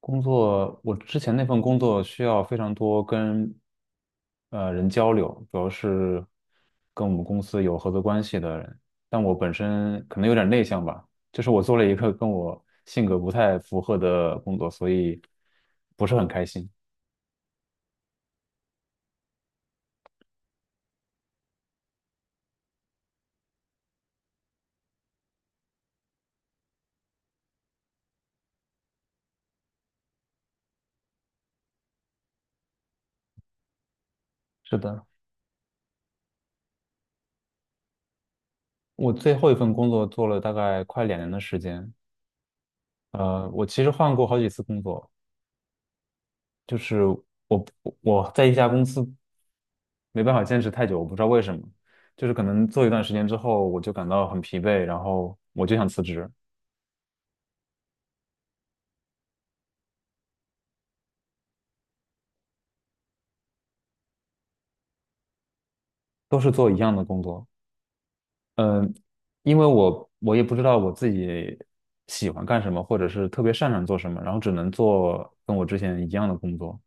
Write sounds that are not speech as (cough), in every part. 工作，我之前那份工作需要非常多跟人交流，主要是跟我们公司有合作关系的人。但我本身可能有点内向吧，就是我做了一个跟我性格不太符合的工作，所以不是很开心。是的，我最后一份工作做了大概快两年的时间。我其实换过好几次工作，就是我我在一家公司。没办法坚持太久，我不知道为什么，就是可能做一段时间之后，我就感到很疲惫，然后我就想辞职，都是做一样的工作，因为我也不知道我自己喜欢干什么，或者是特别擅长做什么，然后只能做跟我之前一样的工作。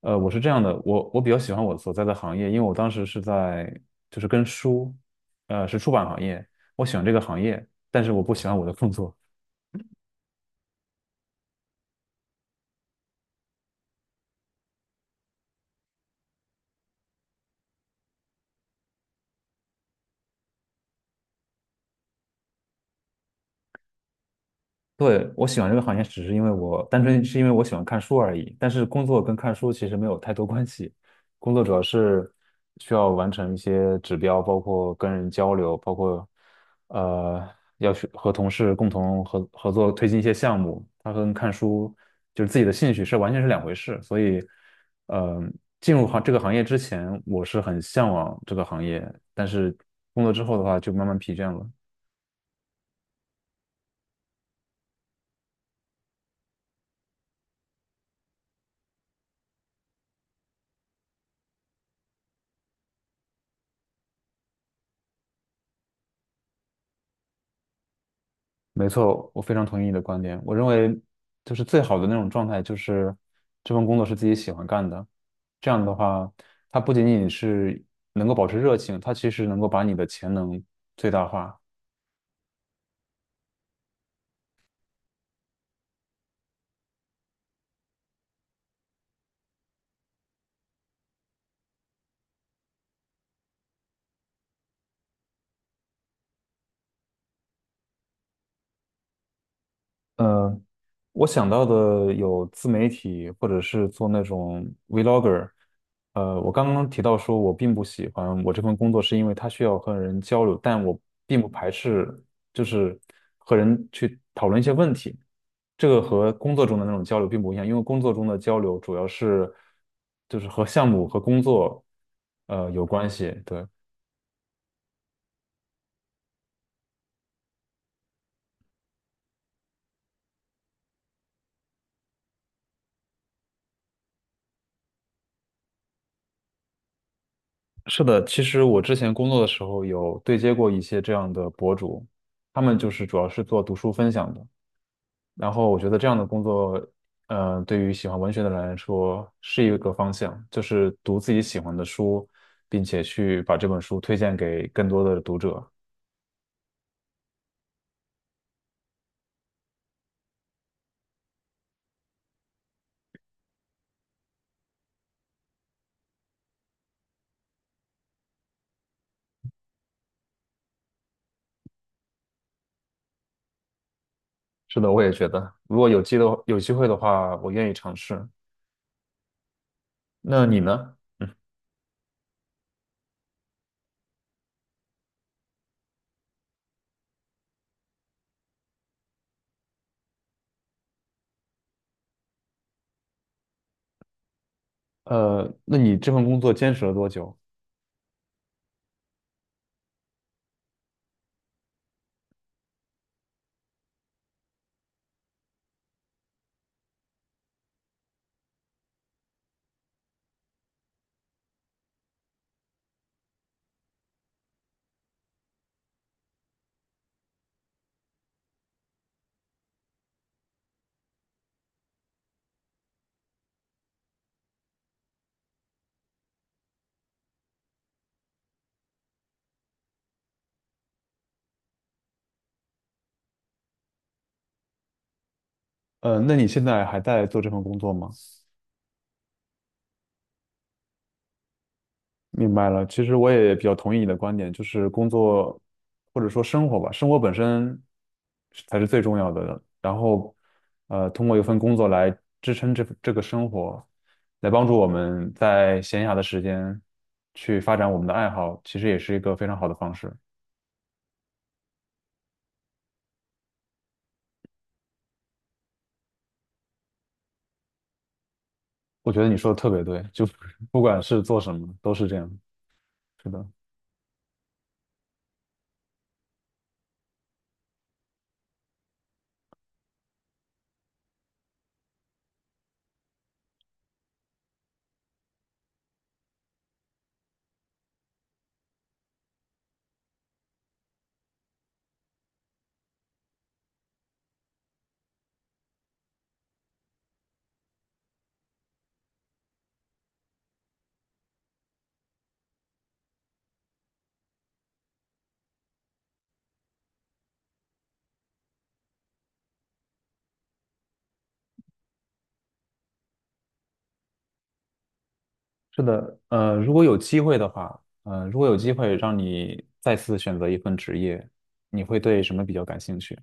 我是这样的，我比较喜欢我所在的行业，因为我当时是在就是跟书，是出版行业，我喜欢这个行业，但是我不喜欢我的工作。对，我喜欢这个行业，只是因为我单纯是因为我喜欢看书而已。但是工作跟看书其实没有太多关系，工作主要是需要完成一些指标，包括跟人交流，包括呃要去和同事共同合作推进一些项目。它跟看书就是自己的兴趣是完全是两回事。所以，呃，进入行这个行业之前，我是很向往这个行业，但是工作之后的话就慢慢疲倦了。没错，我非常同意你的观点。我认为，就是最好的那种状态，就是这份工作是自己喜欢干的。这样的话，它不仅仅是能够保持热情，它其实能够把你的潜能最大化。呃我想到的有自媒体，或者是做那种 vlogger。我刚刚提到说，我并不喜欢我这份工作，是因为它需要和人交流，但我并不排斥，就是和人去讨论一些问题。这个和工作中的那种交流并不一样，因为工作中的交流主要是就是和项目和工作有关系。对，是的，其实我之前工作的时候有对接过一些这样的博主，他们就是主要是做读书分享的。然后我觉得这样的工作，对于喜欢文学的人来说是一个方向，就是读自己喜欢的书，并且去把这本书推荐给更多的读者。是的，我也觉得，如果有机的有机会的话，我愿意尝试。那你呢？那你这份工作坚持了多久？那你现在还在做这份工作吗？明白了，其实我也比较同意你的观点，就是工作或者说生活吧，生活本身是才是最重要的。然后，通过一份工作来支撑这个生活，来帮助我们在闲暇的时间去发展我们的爱好，其实也是一个非常好的方式。我觉得你说的特别对，就 (laughs) 不管是做什么都是这样。是的，是的，如果有机会的话，如果有机会让你再次选择一份职业，你会对什么比较感兴趣？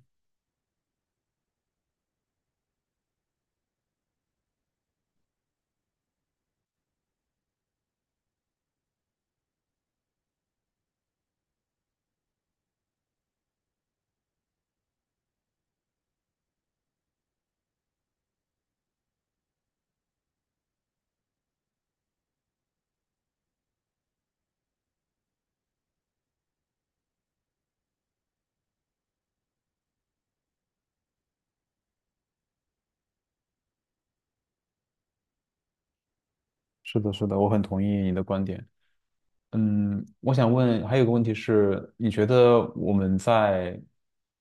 是的，是的，我很同意你的观点。嗯，我想问，还有个问题是，你觉得我们在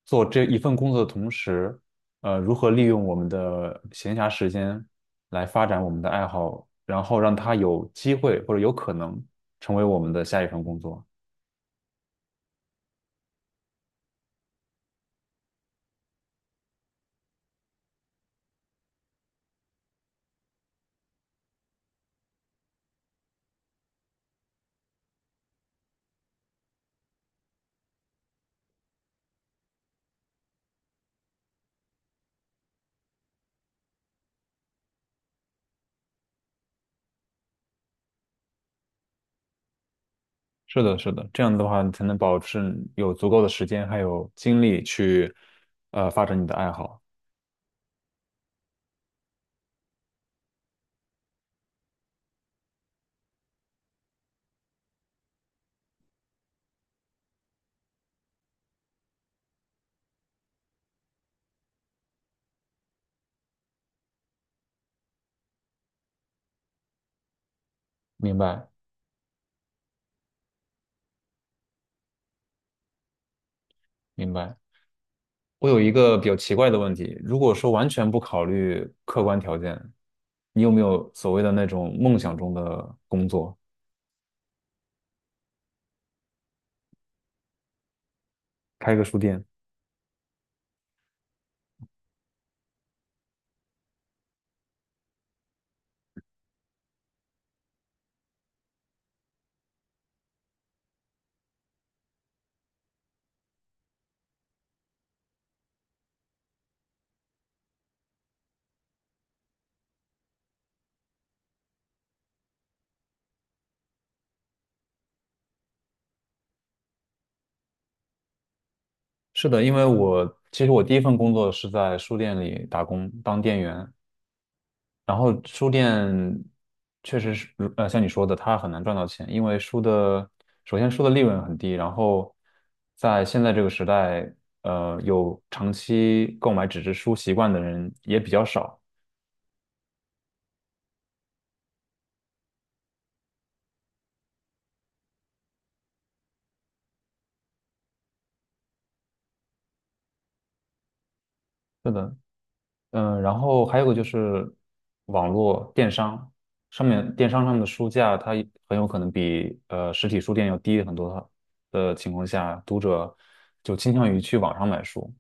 做这一份工作的同时，如何利用我们的闲暇时间来发展我们的爱好，然后让它有机会或者有可能成为我们的下一份工作？是的，是的，这样的话，你才能保证有足够的时间还有精力去，发展你的爱好。明白，明白。我有一个比较奇怪的问题，如果说完全不考虑客观条件，你有没有所谓的那种梦想中的工作，开个书店？是的，因为我其实我第一份工作是在书店里打工，当店员。然后书店确实是，像你说的，它很难赚到钱，因为首先书的利润很低，然后在现在这个时代，有长期购买纸质书习惯的人也比较少。是的，嗯，然后还有个就是网络电商上面，电商上面的书价，它也很有可能比实体书店要低很多的情况下，读者就倾向于去网上买书。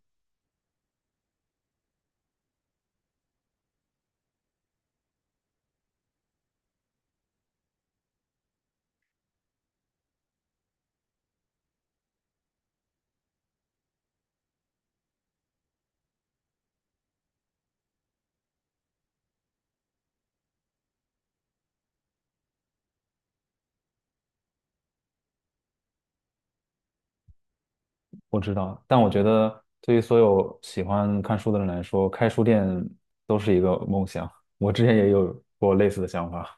我知道，但我觉得对于所有喜欢看书的人来说，开书店都是一个梦想。我之前也有过类似的想法。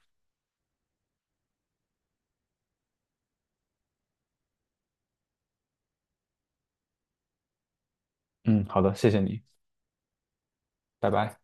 嗯，好的，谢谢你，拜拜。